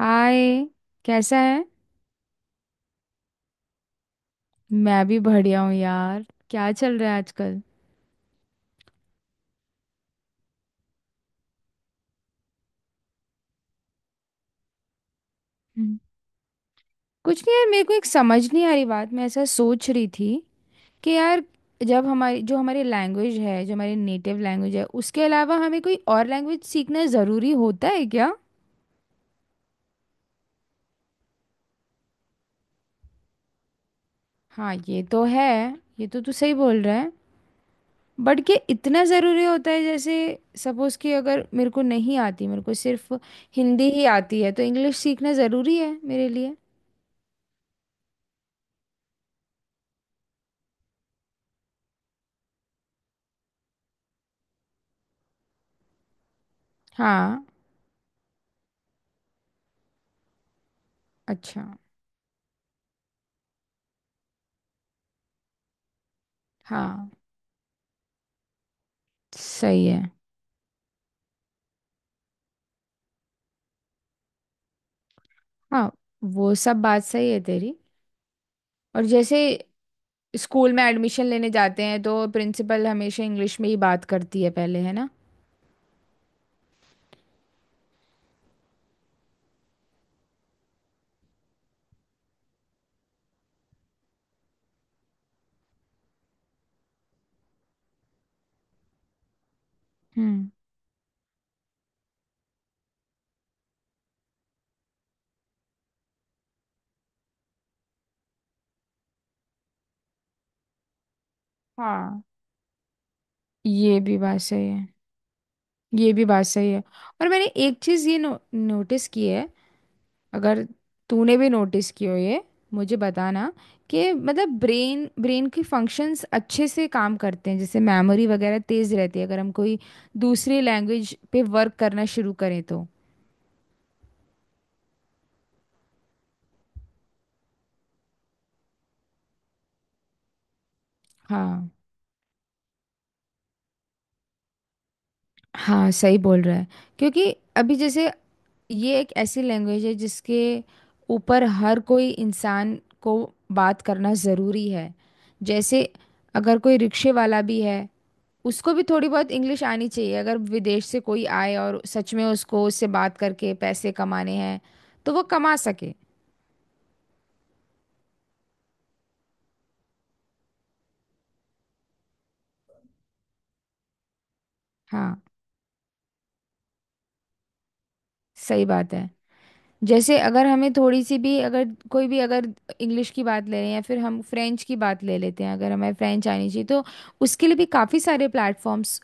हाय। कैसा है? मैं भी बढ़िया हूँ यार, क्या चल रहा है आजकल? हम्म। कुछ नहीं यार, मेरे को एक समझ नहीं आ रही बात, मैं ऐसा सोच रही थी कि यार, जब हमारी जो हमारी लैंग्वेज है, जो हमारी नेटिव लैंग्वेज है, उसके अलावा हमें कोई और लैंग्वेज सीखना ज़रूरी होता है क्या? हाँ ये तो है, ये तो तू सही बोल रहा है। बट क्या इतना ज़रूरी होता है? जैसे सपोज़ कि अगर मेरे को नहीं आती, मेरे को सिर्फ हिंदी ही आती है, तो इंग्लिश सीखना ज़रूरी है मेरे लिए? हाँ। अच्छा। हाँ सही है। हाँ वो सब बात सही है तेरी। और जैसे स्कूल में एडमिशन लेने जाते हैं तो प्रिंसिपल हमेशा इंग्लिश में ही बात करती है पहले, है ना? हम्म। हाँ ये भी बात सही है, ये भी बात सही है। और मैंने एक चीज़ ये नोटिस की है, अगर तूने भी नोटिस की हो ये, मुझे बताना। कि मतलब ब्रेन ब्रेन की फंक्शंस अच्छे से काम करते हैं, जैसे मेमोरी वगैरह तेज़ रहती है, अगर हम कोई दूसरी लैंग्वेज पे वर्क करना शुरू करें तो। हाँ। हाँ सही बोल रहा है। क्योंकि अभी जैसे ये एक ऐसी लैंग्वेज है जिसके ऊपर हर कोई इंसान को बात करना ज़रूरी है। जैसे अगर कोई रिक्शे वाला भी है, उसको भी थोड़ी बहुत इंग्लिश आनी चाहिए, अगर विदेश से कोई आए और सच में उसको उससे बात करके पैसे कमाने हैं तो वो कमा सके। हाँ सही बात है। जैसे अगर हमें थोड़ी सी भी, अगर कोई भी, अगर इंग्लिश की बात ले रहे हैं या फिर हम फ्रेंच की बात ले लेते हैं, अगर हमें फ्रेंच आनी चाहिए तो उसके लिए भी काफ़ी सारे प्लेटफॉर्म्स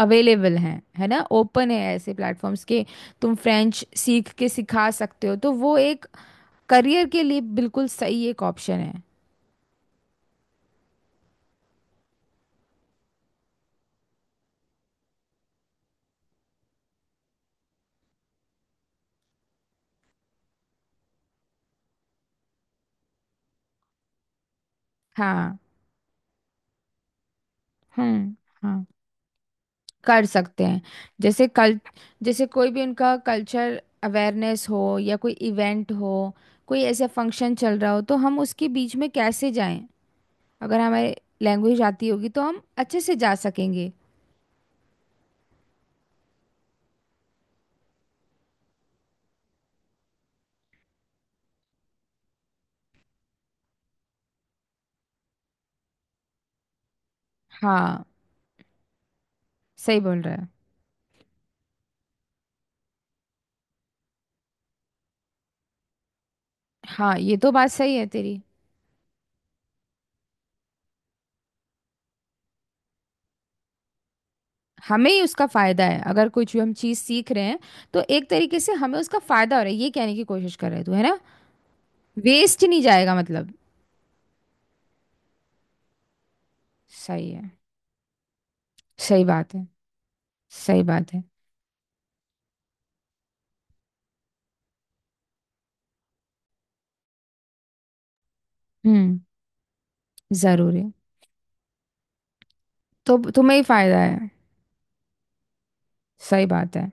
अवेलेबल हैं, है ना? ओपन है ऐसे प्लेटफॉर्म्स के, तुम फ्रेंच सीख के सिखा सकते हो, तो वो एक करियर के लिए बिल्कुल सही एक ऑप्शन है। हाँ। हम्म। हाँ कर सकते हैं। जैसे कल, जैसे कोई भी उनका कल्चर अवेयरनेस हो या कोई इवेंट हो, कोई ऐसा फंक्शन चल रहा हो, तो हम उसके बीच में कैसे जाएं? अगर हमारे लैंग्वेज आती होगी तो हम अच्छे से जा सकेंगे। हाँ सही बोल रहा है। हाँ ये तो बात सही है तेरी। हमें ही उसका फायदा है, अगर कुछ भी हम चीज सीख रहे हैं तो एक तरीके से हमें उसका फायदा हो रहा है, ये कहने की कोशिश कर रहे है तू, है ना? वेस्ट नहीं जाएगा मतलब। सही है। सही बात है। सही बात है। हम्म। जरूरी। तो तुम्हें ही फायदा है। सही बात है।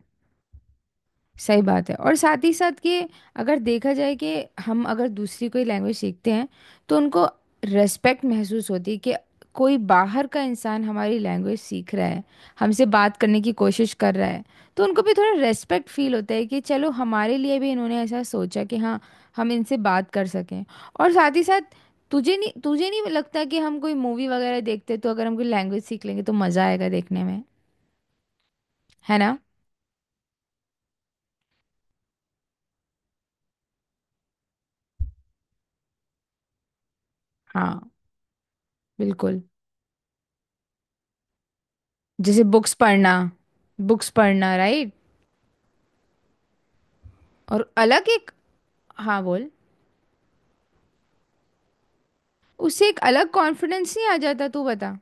सही बात है। और साथ ही साथ कि अगर देखा जाए कि हम अगर दूसरी कोई लैंग्वेज सीखते हैं तो उनको रेस्पेक्ट महसूस होती है, कि कोई बाहर का इंसान हमारी लैंग्वेज सीख रहा है, हमसे बात करने की कोशिश कर रहा है, तो उनको भी थोड़ा रेस्पेक्ट फील होता है कि चलो हमारे लिए भी इन्होंने ऐसा सोचा कि हाँ हम इनसे बात कर सकें। और साथ ही साथ तुझे नहीं लगता कि हम कोई मूवी वगैरह देखते, तो अगर हम कोई लैंग्वेज सीख लेंगे तो मज़ा आएगा देखने में, है ना? हाँ बिल्कुल। जैसे बुक्स पढ़ना, बुक्स पढ़ना राइट। और अलग एक, हाँ बोल। उससे एक अलग कॉन्फिडेंस नहीं आ जाता? तू बता।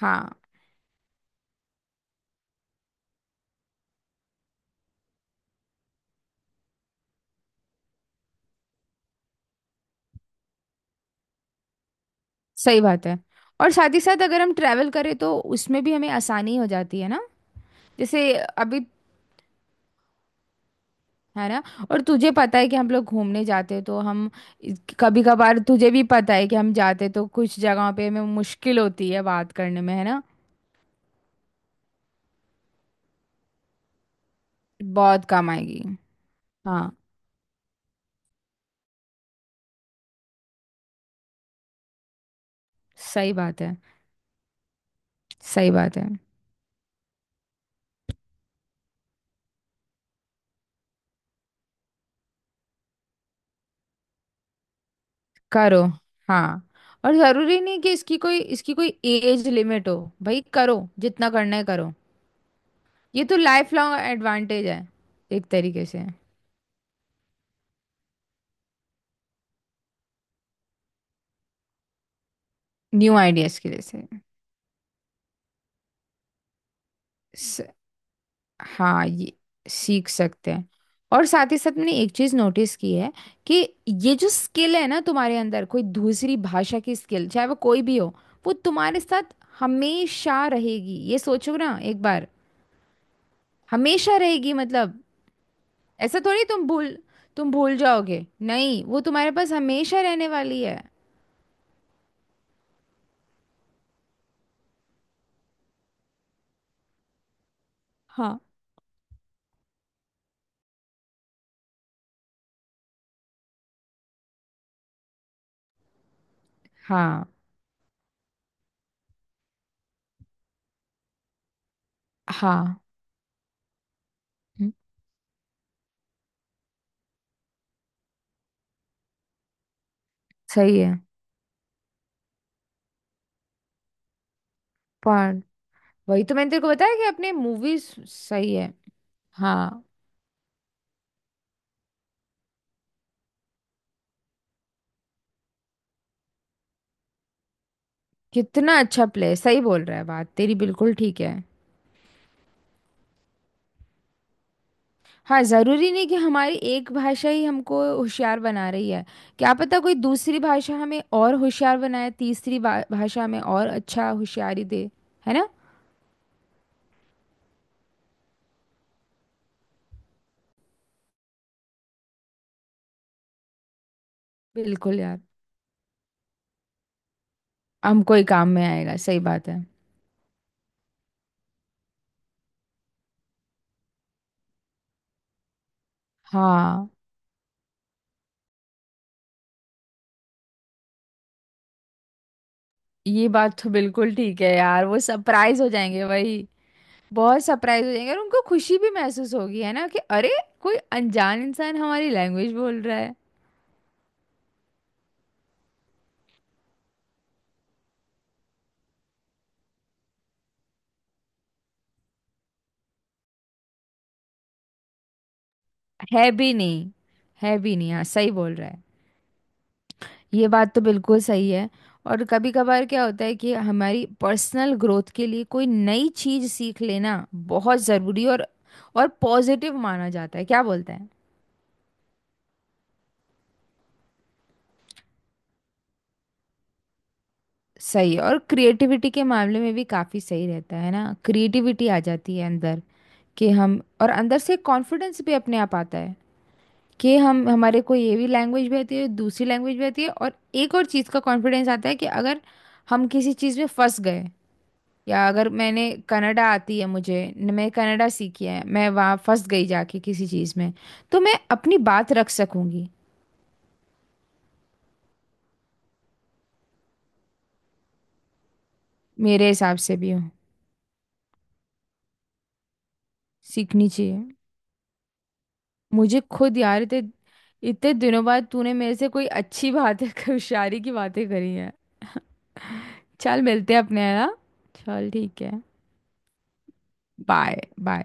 हाँ सही बात है। और साथ ही साथ अगर हम ट्रैवल करें तो उसमें भी हमें आसानी हो जाती है ना। जैसे अभी, है ना, और तुझे पता है कि हम लोग घूमने जाते हैं तो हम कभी कभार, तुझे भी पता है कि हम जाते तो कुछ जगहों पे हमें मुश्किल होती है बात करने में, है ना? बहुत काम आएगी। हाँ सही बात है। सही बात है। करो। हाँ। और जरूरी नहीं कि इसकी कोई एज लिमिट हो। भाई करो, जितना करना है करो। ये तो लाइफ लॉन्ग एडवांटेज है एक तरीके से। न्यू आइडियाज के लिए से, स-, हाँ ये सीख सकते हैं। और साथ ही साथ मैंने एक चीज नोटिस की है कि ये जो स्किल है ना तुम्हारे अंदर, कोई दूसरी भाषा की स्किल, चाहे वो कोई भी हो, वो तुम्हारे साथ हमेशा रहेगी, ये सोचो ना एक बार। हमेशा रहेगी मतलब। ऐसा थोड़ी तुम भूल जाओगे, नहीं, वो तुम्हारे पास हमेशा रहने वाली है। हाँ। हाँ। हाँ। हम्म, सही है। पर वही तो मैंने तेरे को बताया कि अपने मूवीज। सही है। हाँ। कितना अच्छा प्ले, सही बोल रहा है, बात तेरी बिल्कुल ठीक है। हाँ जरूरी नहीं कि हमारी एक भाषा ही हमको होशियार बना रही है। क्या पता कोई दूसरी भाषा हमें और होशियार बनाए, तीसरी बा- भाषा हमें और अच्छा होशियारी दे, है ना? बिल्कुल यार। हमको ही काम में आएगा, सही बात है। हाँ ये बात तो बिल्कुल ठीक है यार, वो सरप्राइज हो जाएंगे वही, बहुत सरप्राइज हो जाएंगे, और उनको खुशी भी महसूस होगी, है ना, कि अरे, कोई अनजान इंसान हमारी लैंग्वेज बोल रहा है। है भी नहीं, है भी नहीं, हाँ सही बोल रहा है। ये बात तो बिल्कुल सही है। और कभी कभार क्या होता है कि हमारी पर्सनल ग्रोथ के लिए कोई नई चीज़ सीख लेना बहुत ज़रूरी और पॉजिटिव माना जाता है, क्या बोलते हैं। सही है। और क्रिएटिविटी के मामले में भी काफ़ी सही रहता है ना, क्रिएटिविटी आ जाती है अंदर, कि हम, और अंदर से कॉन्फिडेंस भी अपने आप आता है कि हम, हमारे को ये भी लैंग्वेज भी आती है, दूसरी लैंग्वेज भी आती है। और एक और चीज़ का कॉन्फिडेंस आता है कि अगर हम किसी चीज़ में फंस गए, या अगर मैंने कनाडा आती है, मुझे न-, मैं कनाडा सीखी है, मैं वहाँ फंस गई जाके किसी चीज़ में, तो मैं अपनी बात रख सकूँगी। मेरे हिसाब से भी। सीखनी चाहिए। मुझे खुद यार इतने इतने दिनों बाद तूने मेरे से कोई अच्छी बातें होशियारी की बातें करी है। चल मिलते हैं अपने, है ना? चल ठीक है। Bye bye.